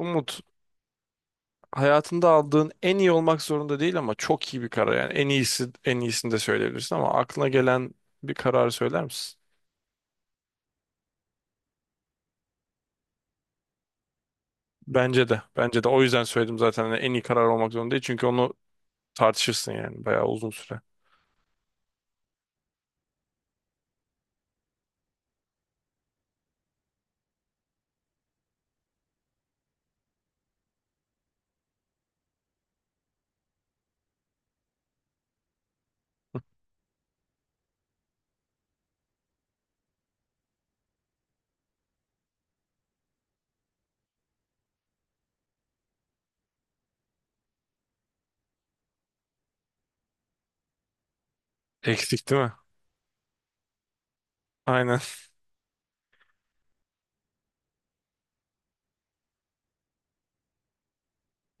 Umut, hayatında aldığın en iyi olmak zorunda değil ama çok iyi bir karar, yani en iyisi, en iyisini de söyleyebilirsin ama aklına gelen bir kararı söyler misin? Bence de. Bence de, o yüzden söyledim zaten, hani en iyi karar olmak zorunda değil çünkü onu tartışırsın yani bayağı uzun süre. Eksik değil mi? Aynen.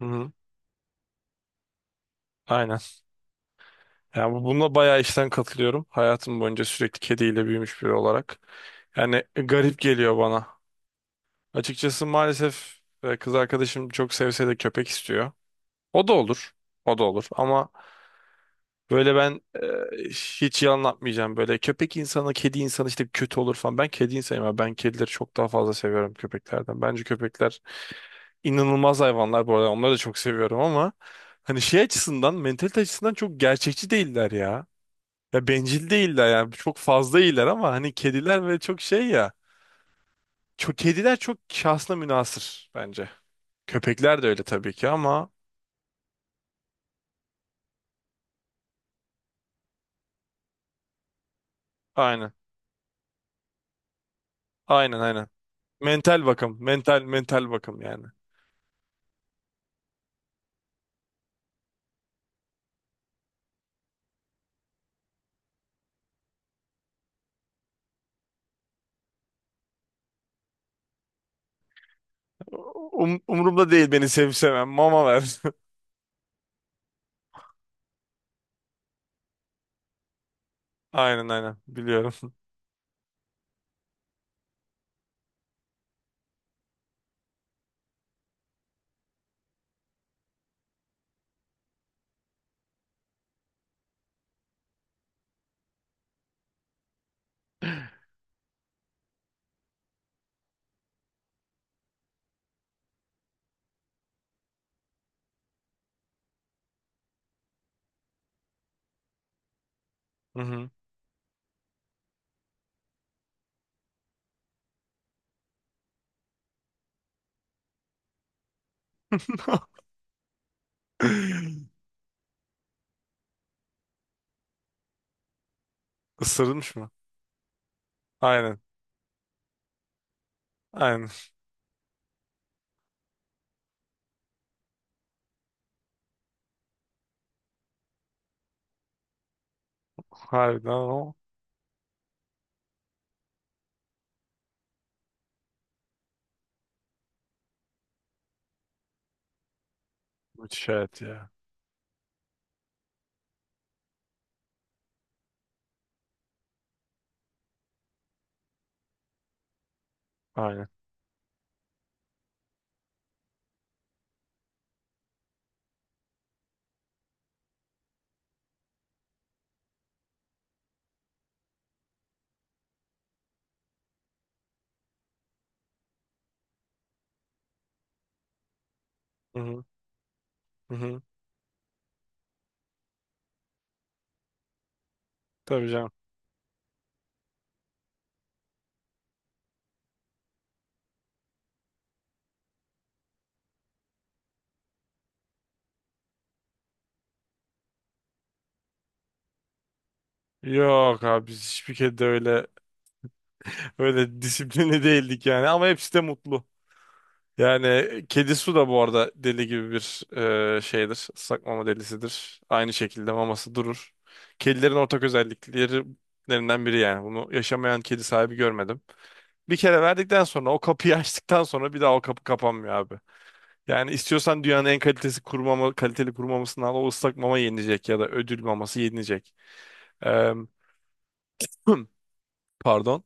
Hı-hı. Aynen. Yani bununla bayağı işten katılıyorum. Hayatım boyunca sürekli kediyle büyümüş biri olarak. Yani garip geliyor bana. Açıkçası maalesef kız arkadaşım çok sevse de köpek istiyor. O da olur. O da olur. Ama böyle ben, hiç yalan atmayacağım. Böyle köpek insanı, kedi insanı, işte kötü olur falan. Ben kedi insanıyım ama ben kedileri çok daha fazla seviyorum köpeklerden. Bence köpekler inanılmaz hayvanlar bu arada. Onları da çok seviyorum ama hani şey açısından, mentalite açısından çok gerçekçi değiller ya. Ya bencil değiller yani. Çok fazla iyiler ama hani kediler ve çok şey ya. Çok, kediler çok şahsına münhasır bence. Köpekler de öyle tabii ki ama aynen. Aynen, aynen. Mental bakım. Mental bakım yani. Umurumda değil beni sevip sevmem. Mama ver. Aynen, aynen. Biliyorum. Hı hı. Isırılmış mı? Aynen. Aynen. Harbiden o. Müthiş hayat ya. Aynen. Hı hı. Hı hı. Tabii canım. Yok abi, biz hiçbir kedi de öyle öyle disiplini değildik yani, ama hepsi de mutlu. Yani kedi su da bu arada deli gibi bir, şeydir. Islak mama delisidir. Aynı şekilde maması durur. Kedilerin ortak özelliklerinden biri yani. Bunu yaşamayan kedi sahibi görmedim. Bir kere verdikten sonra o kapıyı açtıktan sonra bir daha o kapı kapanmıyor abi. Yani istiyorsan dünyanın en kalitesi kuru mama, kaliteli kuru mamasını al, o ıslak mama yenilecek ya da ödül maması yenilecek. Pardon.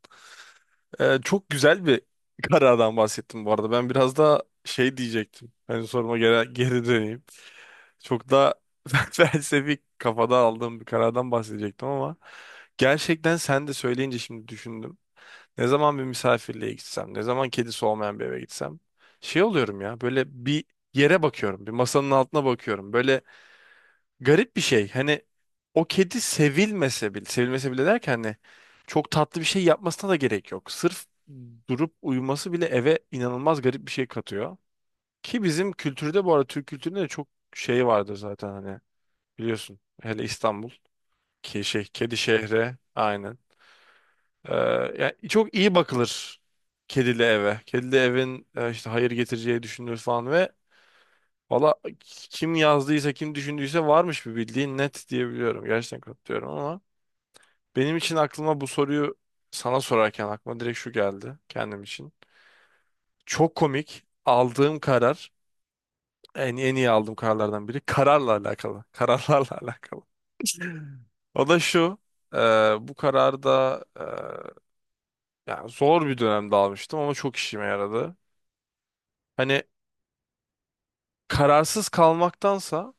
Çok güzel bir karardan bahsettim bu arada. Ben biraz daha şey diyecektim. Hani soruma geri döneyim. Çok daha felsefik kafada aldığım bir karardan bahsedecektim ama gerçekten sen de söyleyince şimdi düşündüm. Ne zaman bir misafirliğe gitsem, ne zaman kedisi olmayan bir eve gitsem şey oluyorum ya, böyle bir yere bakıyorum, bir masanın altına bakıyorum. Böyle garip bir şey. Hani o kedi sevilmese bile, sevilmese bile derken hani çok tatlı bir şey yapmasına da gerek yok. Sırf durup uyuması bile eve inanılmaz garip bir şey katıyor. Ki bizim kültürde bu arada, Türk kültüründe de çok şey vardır zaten, hani biliyorsun. Hele İstanbul ki şey, kedi şehri aynen. Ee, Yani çok iyi bakılır kedili eve. Kedili evin işte hayır getireceği düşünülür falan ve valla, kim yazdıysa kim düşündüyse varmış bir bildiğin net diyebiliyorum. Gerçekten katılıyorum ama benim için aklıma, bu soruyu sana sorarken aklıma direkt şu geldi kendim için. Çok komik aldığım karar, en iyi aldığım kararlardan biri kararla alakalı. Kararlarla alakalı. O da şu: e, bu kararı da, yani zor bir dönemde almıştım ama çok işime yaradı. Hani kararsız kalmaktansa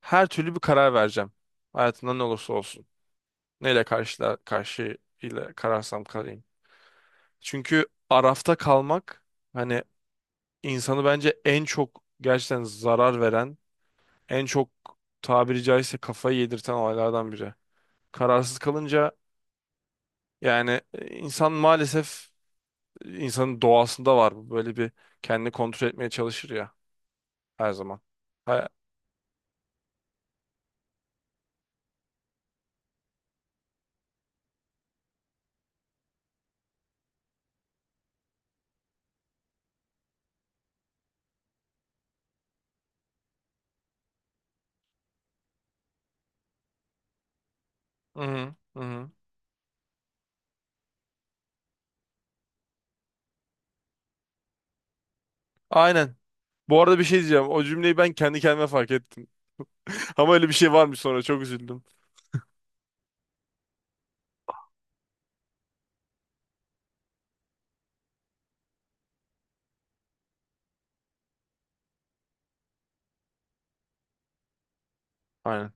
her türlü bir karar vereceğim. Hayatımda ne olursa olsun. Neyle karşı ile kararsam kalayım. Çünkü Araf'ta kalmak, hani insanı bence en çok gerçekten zarar veren, en çok tabiri caizse kafayı yedirten olaylardan biri. Kararsız kalınca yani, insan maalesef, insanın doğasında var bu. Böyle bir kendini kontrol etmeye çalışır ya her zaman. Ha- Hı hı, hı hı. Aynen. Bu arada bir şey diyeceğim. O cümleyi ben kendi kendime fark ettim. Ama öyle bir şey varmış, sonra çok üzüldüm. Aynen.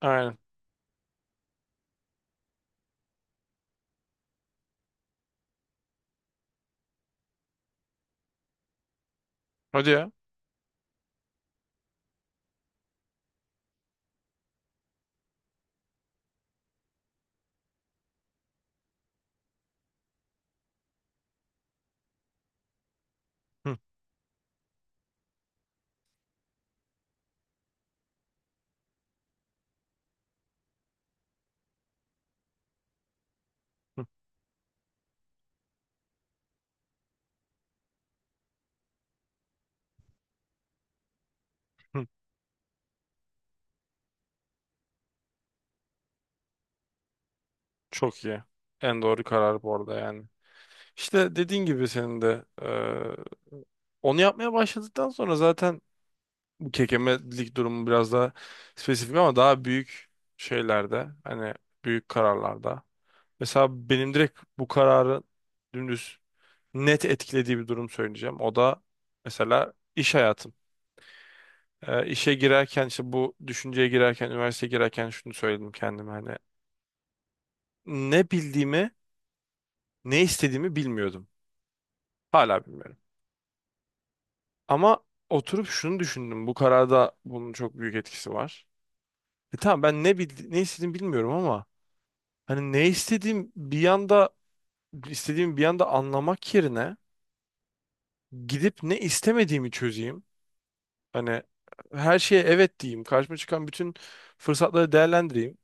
Aynen. Hadi ya. Hı, hı, hı. Çok iyi. En doğru karar bu arada yani. İşte dediğin gibi, senin de onu yapmaya başladıktan sonra zaten bu kekemelik durumu biraz daha spesifik, ama daha büyük şeylerde hani, büyük kararlarda. Mesela benim direkt bu kararı dümdüz net etkilediği bir durum söyleyeceğim. O da mesela iş hayatım. İşe girerken, işte bu düşünceye girerken, üniversiteye girerken şunu söyledim kendime: hani ne bildiğimi, ne istediğimi bilmiyordum. Hala bilmiyorum. Ama oturup şunu düşündüm. Bu kararda bunun çok büyük etkisi var. E tamam, ben ne bildi ne istediğimi bilmiyorum ama hani ne istediğim bir yanda, istediğimi bir yanda anlamak yerine gidip ne istemediğimi çözeyim. Hani her şeye evet diyeyim. Karşıma çıkan bütün fırsatları değerlendireyim.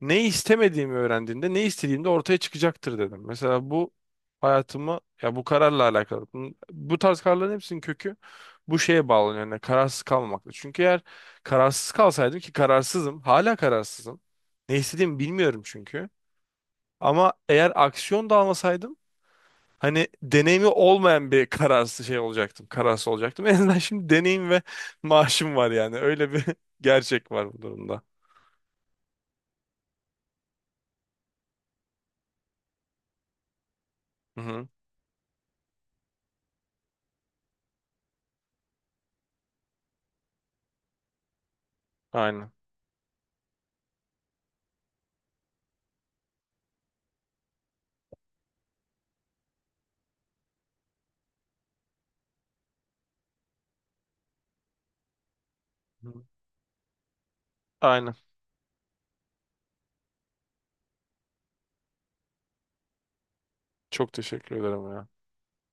Ne istemediğimi öğrendiğimde ne istediğimde ortaya çıkacaktır dedim. Mesela bu hayatımı, ya bu kararla alakalı. Bu tarz kararların hepsinin kökü bu şeye bağlanıyor. Yani kararsız kalmamakla. Çünkü eğer kararsız kalsaydım, ki kararsızım, hala kararsızım. Ne istediğimi bilmiyorum çünkü. Ama eğer aksiyon da almasaydım, hani deneyimi olmayan bir kararsız şey olacaktım. Kararsız olacaktım. En azından şimdi deneyim ve maaşım var yani. Öyle bir gerçek var bu durumda. Hı hı. Aynen. Hı. Aynen. Çok teşekkür ederim ya.